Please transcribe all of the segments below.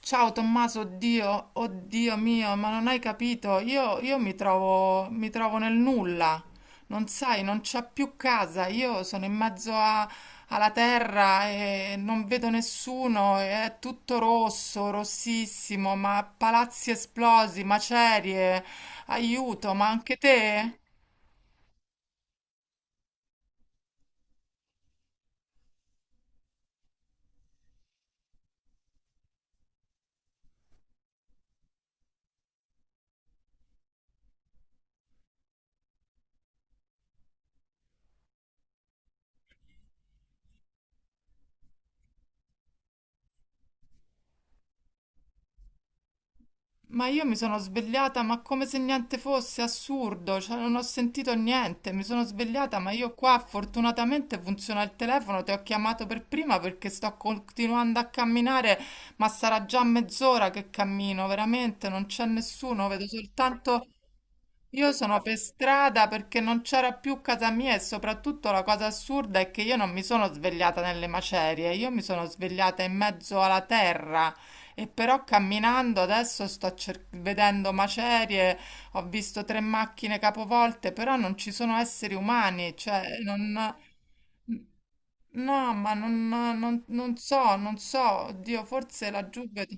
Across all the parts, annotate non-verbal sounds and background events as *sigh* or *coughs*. Ciao Tommaso, oddio, oddio mio, ma non hai capito? Io mi trovo nel nulla, non sai, non c'ho più casa, io sono in mezzo alla terra e non vedo nessuno, e è tutto rosso, rossissimo, ma palazzi esplosi, macerie, aiuto, ma anche te? Ma io mi sono svegliata, ma come se niente fosse, assurdo, cioè non ho sentito niente, mi sono svegliata, ma io qua fortunatamente funziona il telefono, ti ho chiamato per prima perché sto continuando a camminare, ma sarà già mezz'ora che cammino, veramente, non c'è nessuno, vedo soltanto io sono per strada perché non c'era più casa mia e soprattutto la cosa assurda è che io non mi sono svegliata nelle macerie, io mi sono svegliata in mezzo alla terra e però camminando adesso sto vedendo macerie, ho visto tre macchine capovolte, però non ci sono esseri umani, cioè non... No, ma non so, oddio, forse laggiù vedo...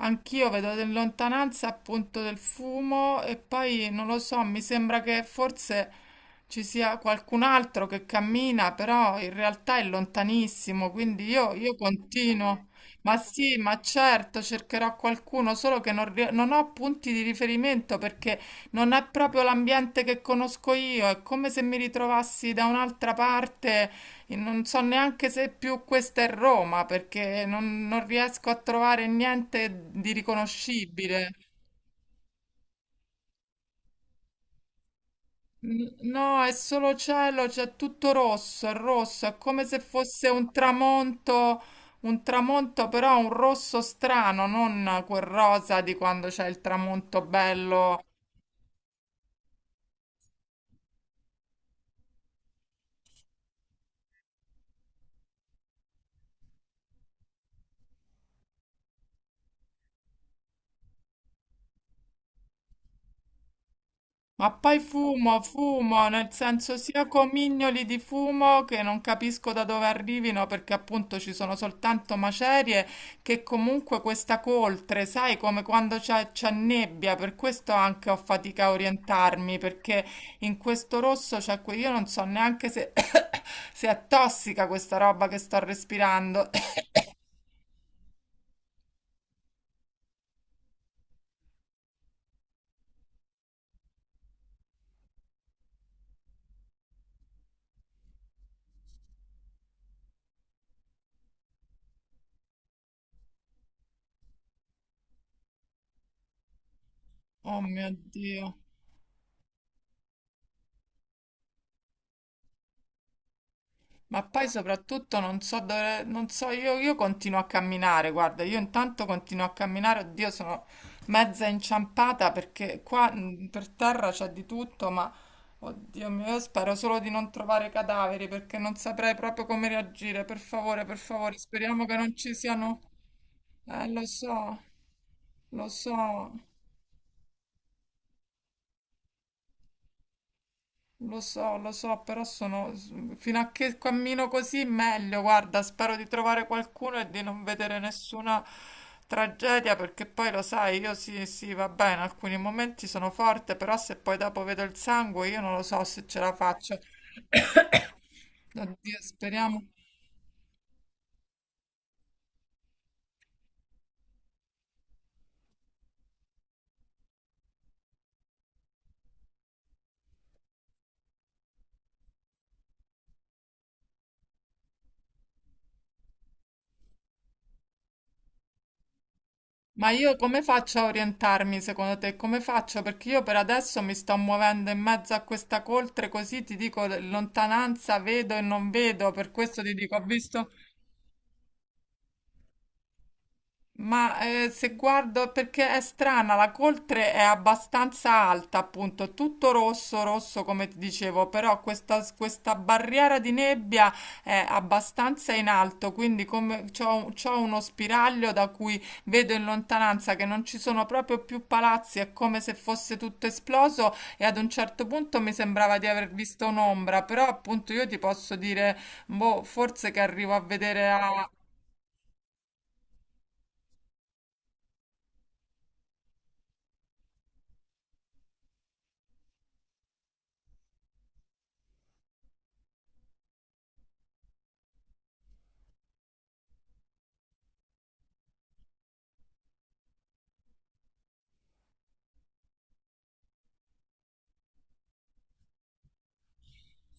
Anch'io vedo in lontananza appunto del fumo e poi non lo so, mi sembra che forse ci sia qualcun altro che cammina, però in realtà è lontanissimo, quindi io continuo. Ma sì, ma certo, cercherò qualcuno, solo che non ho punti di riferimento perché non è proprio l'ambiente che conosco io, è come se mi ritrovassi da un'altra parte e non so neanche se più questa è Roma, perché non, non riesco a trovare niente di riconoscibile. No, è solo cielo, c'è tutto rosso, è come se fosse un tramonto però un rosso strano, non quel rosa di quando c'è il tramonto bello. Ma poi fumo, fumo, nel senso sia comignoli di fumo che non capisco da dove arrivino perché appunto ci sono soltanto macerie, che comunque questa coltre, sai, come quando c'è nebbia, per questo anche ho fatica a orientarmi perché in questo rosso io non so neanche se, *coughs* se è tossica questa roba che sto respirando. *coughs* Oh mio Dio. Ma poi soprattutto non so dove, non so, io continuo a camminare, guarda, io intanto continuo a camminare, oddio, sono mezza inciampata perché qua per terra c'è di tutto, ma oddio mio, io spero solo di non trovare cadaveri perché non saprei proprio come reagire, per favore, speriamo che non ci siano... lo so, lo so. Lo so, lo so, però sono fino a che cammino così meglio. Guarda, spero di trovare qualcuno e di non vedere nessuna tragedia, perché poi lo sai, io sì, sì, va bene, in alcuni momenti sono forte, però se poi dopo vedo il sangue, io non lo so se ce la faccio. Oddio, speriamo. Ma io come faccio a orientarmi secondo te? Come faccio? Perché io per adesso mi sto muovendo in mezzo a questa coltre, così ti dico lontananza, vedo e non vedo, per questo ti dico, ho visto. Ma se guardo, perché è strana, la coltre è abbastanza alta, appunto, tutto rosso, rosso come ti dicevo, però questa barriera di nebbia è abbastanza in alto, quindi come c'ho uno spiraglio da cui vedo in lontananza che non ci sono proprio più palazzi, è come se fosse tutto esploso e ad un certo punto mi sembrava di aver visto un'ombra, però appunto io ti posso dire, boh, forse che arrivo a vedere a...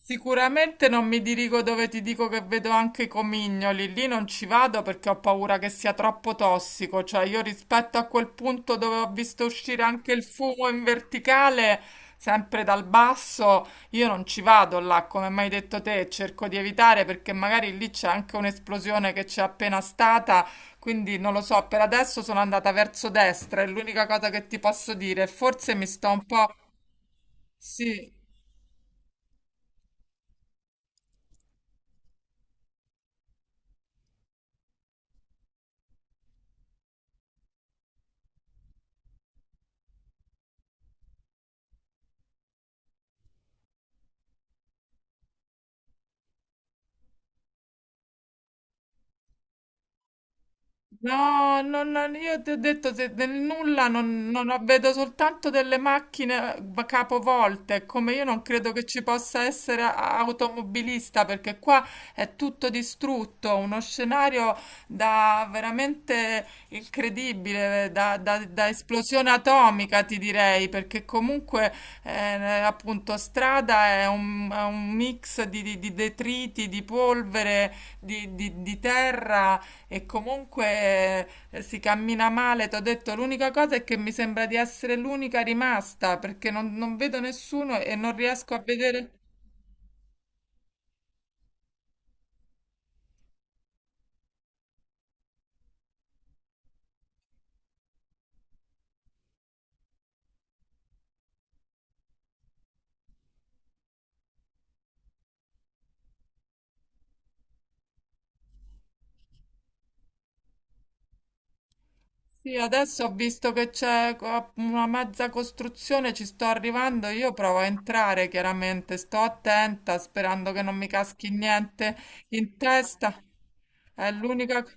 Sicuramente non mi dirigo dove ti dico che vedo anche i comignoli, lì non ci vado perché ho paura che sia troppo tossico, cioè io rispetto a quel punto dove ho visto uscire anche il fumo in verticale, sempre dal basso, io non ci vado là, come mi hai detto te, cerco di evitare perché magari lì c'è anche un'esplosione che c'è appena stata, quindi non lo so, per adesso sono andata verso destra, è l'unica cosa che ti posso dire, forse mi sto un po'... Sì, no, io ti ho detto se del nulla non, non ho- vedo soltanto delle macchine capovolte, come io non credo che ci possa essere automobilista perché qua è tutto distrutto, uno scenario da veramente incredibile, da esplosione atomica ti direi, perché comunque appunto strada è è un mix di, di detriti, di polvere, di terra. E comunque si cammina male, ti ho detto, l'unica cosa è che mi sembra di essere l'unica rimasta perché non, non vedo nessuno e non riesco a vedere. Sì, adesso ho visto che una mezza costruzione, ci sto arrivando, io provo a entrare chiaramente, sto attenta sperando che non mi caschi niente in testa. È l'unica cosa.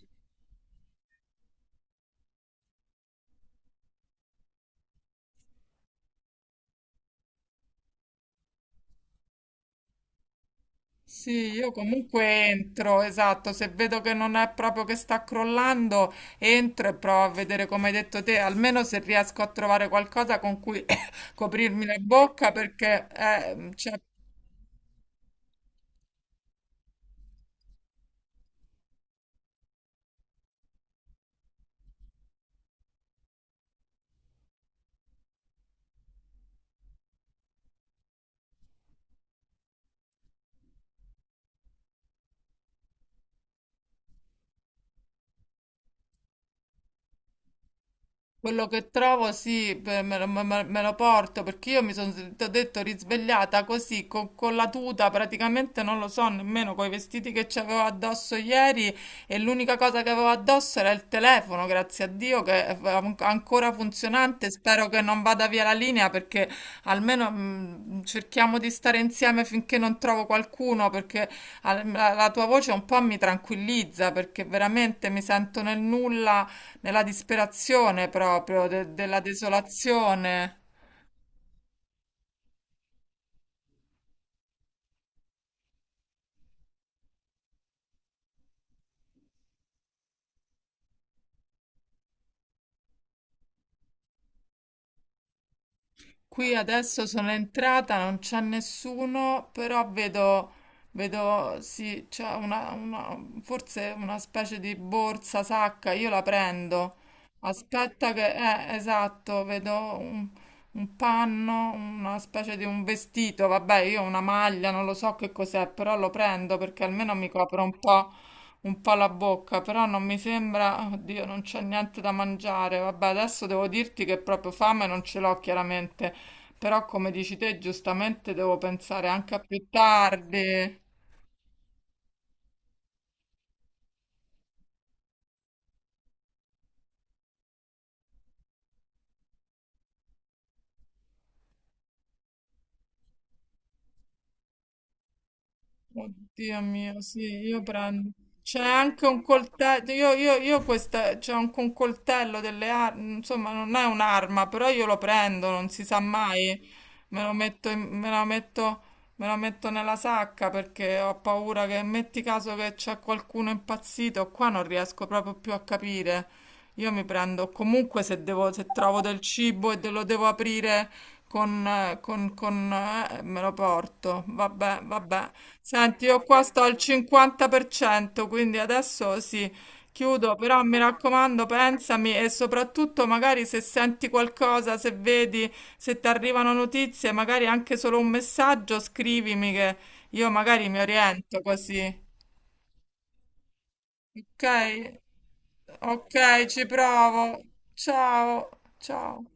Sì, io comunque entro, esatto, se vedo che non è proprio che sta crollando, entro e provo a vedere come hai detto te, almeno se riesco a trovare qualcosa con cui *coughs* coprirmi la bocca perché c'è. Quello che trovo, sì, beh, me lo porto perché io mi sono, ti ho detto, risvegliata così con, la tuta, praticamente non lo so nemmeno, con i vestiti che c'avevo addosso ieri e l'unica cosa che avevo addosso era il telefono, grazie a Dio, che è ancora funzionante. Spero che non vada via la linea perché almeno cerchiamo di stare insieme finché non trovo qualcuno perché la tua voce un po' mi tranquillizza perché veramente mi sento nel nulla. Nella disperazione proprio, della desolazione. Qui adesso sono entrata, non c'è nessuno, però vedo, vedo, sì, c'è forse una specie di borsa, sacca, io la prendo. Aspetta che, esatto, vedo un, un panno, una specie di un vestito, vabbè, io ho una maglia, non lo so che cos'è, però lo prendo perché almeno mi copro un po'. Un po' la bocca, però non mi sembra, oddio, non c'è niente da mangiare. Vabbè, adesso devo dirti che proprio fame non ce l'ho chiaramente, però come dici te, giustamente devo pensare anche a più tardi. Oddio mio, sì, io prendo. C'è anche un coltello, io questa, c'è anche un coltello delle armi, insomma non è un'arma, però io lo prendo, non si sa mai, me lo metto, in- me la metto, me la metto nella sacca perché ho paura che metti caso che c'è qualcuno impazzito, qua non riesco proprio più a capire. Io mi prendo comunque se devo, se trovo del cibo e lo devo aprire con, me lo porto. Vabbè, vabbè. Senti, io qua sto al 50%, quindi adesso sì, chiudo, però mi raccomando, pensami e soprattutto magari se senti qualcosa, se vedi, se ti arrivano notizie, magari anche solo un messaggio, scrivimi che io magari mi oriento così. Ok, ok, ci provo. Ciao, ciao.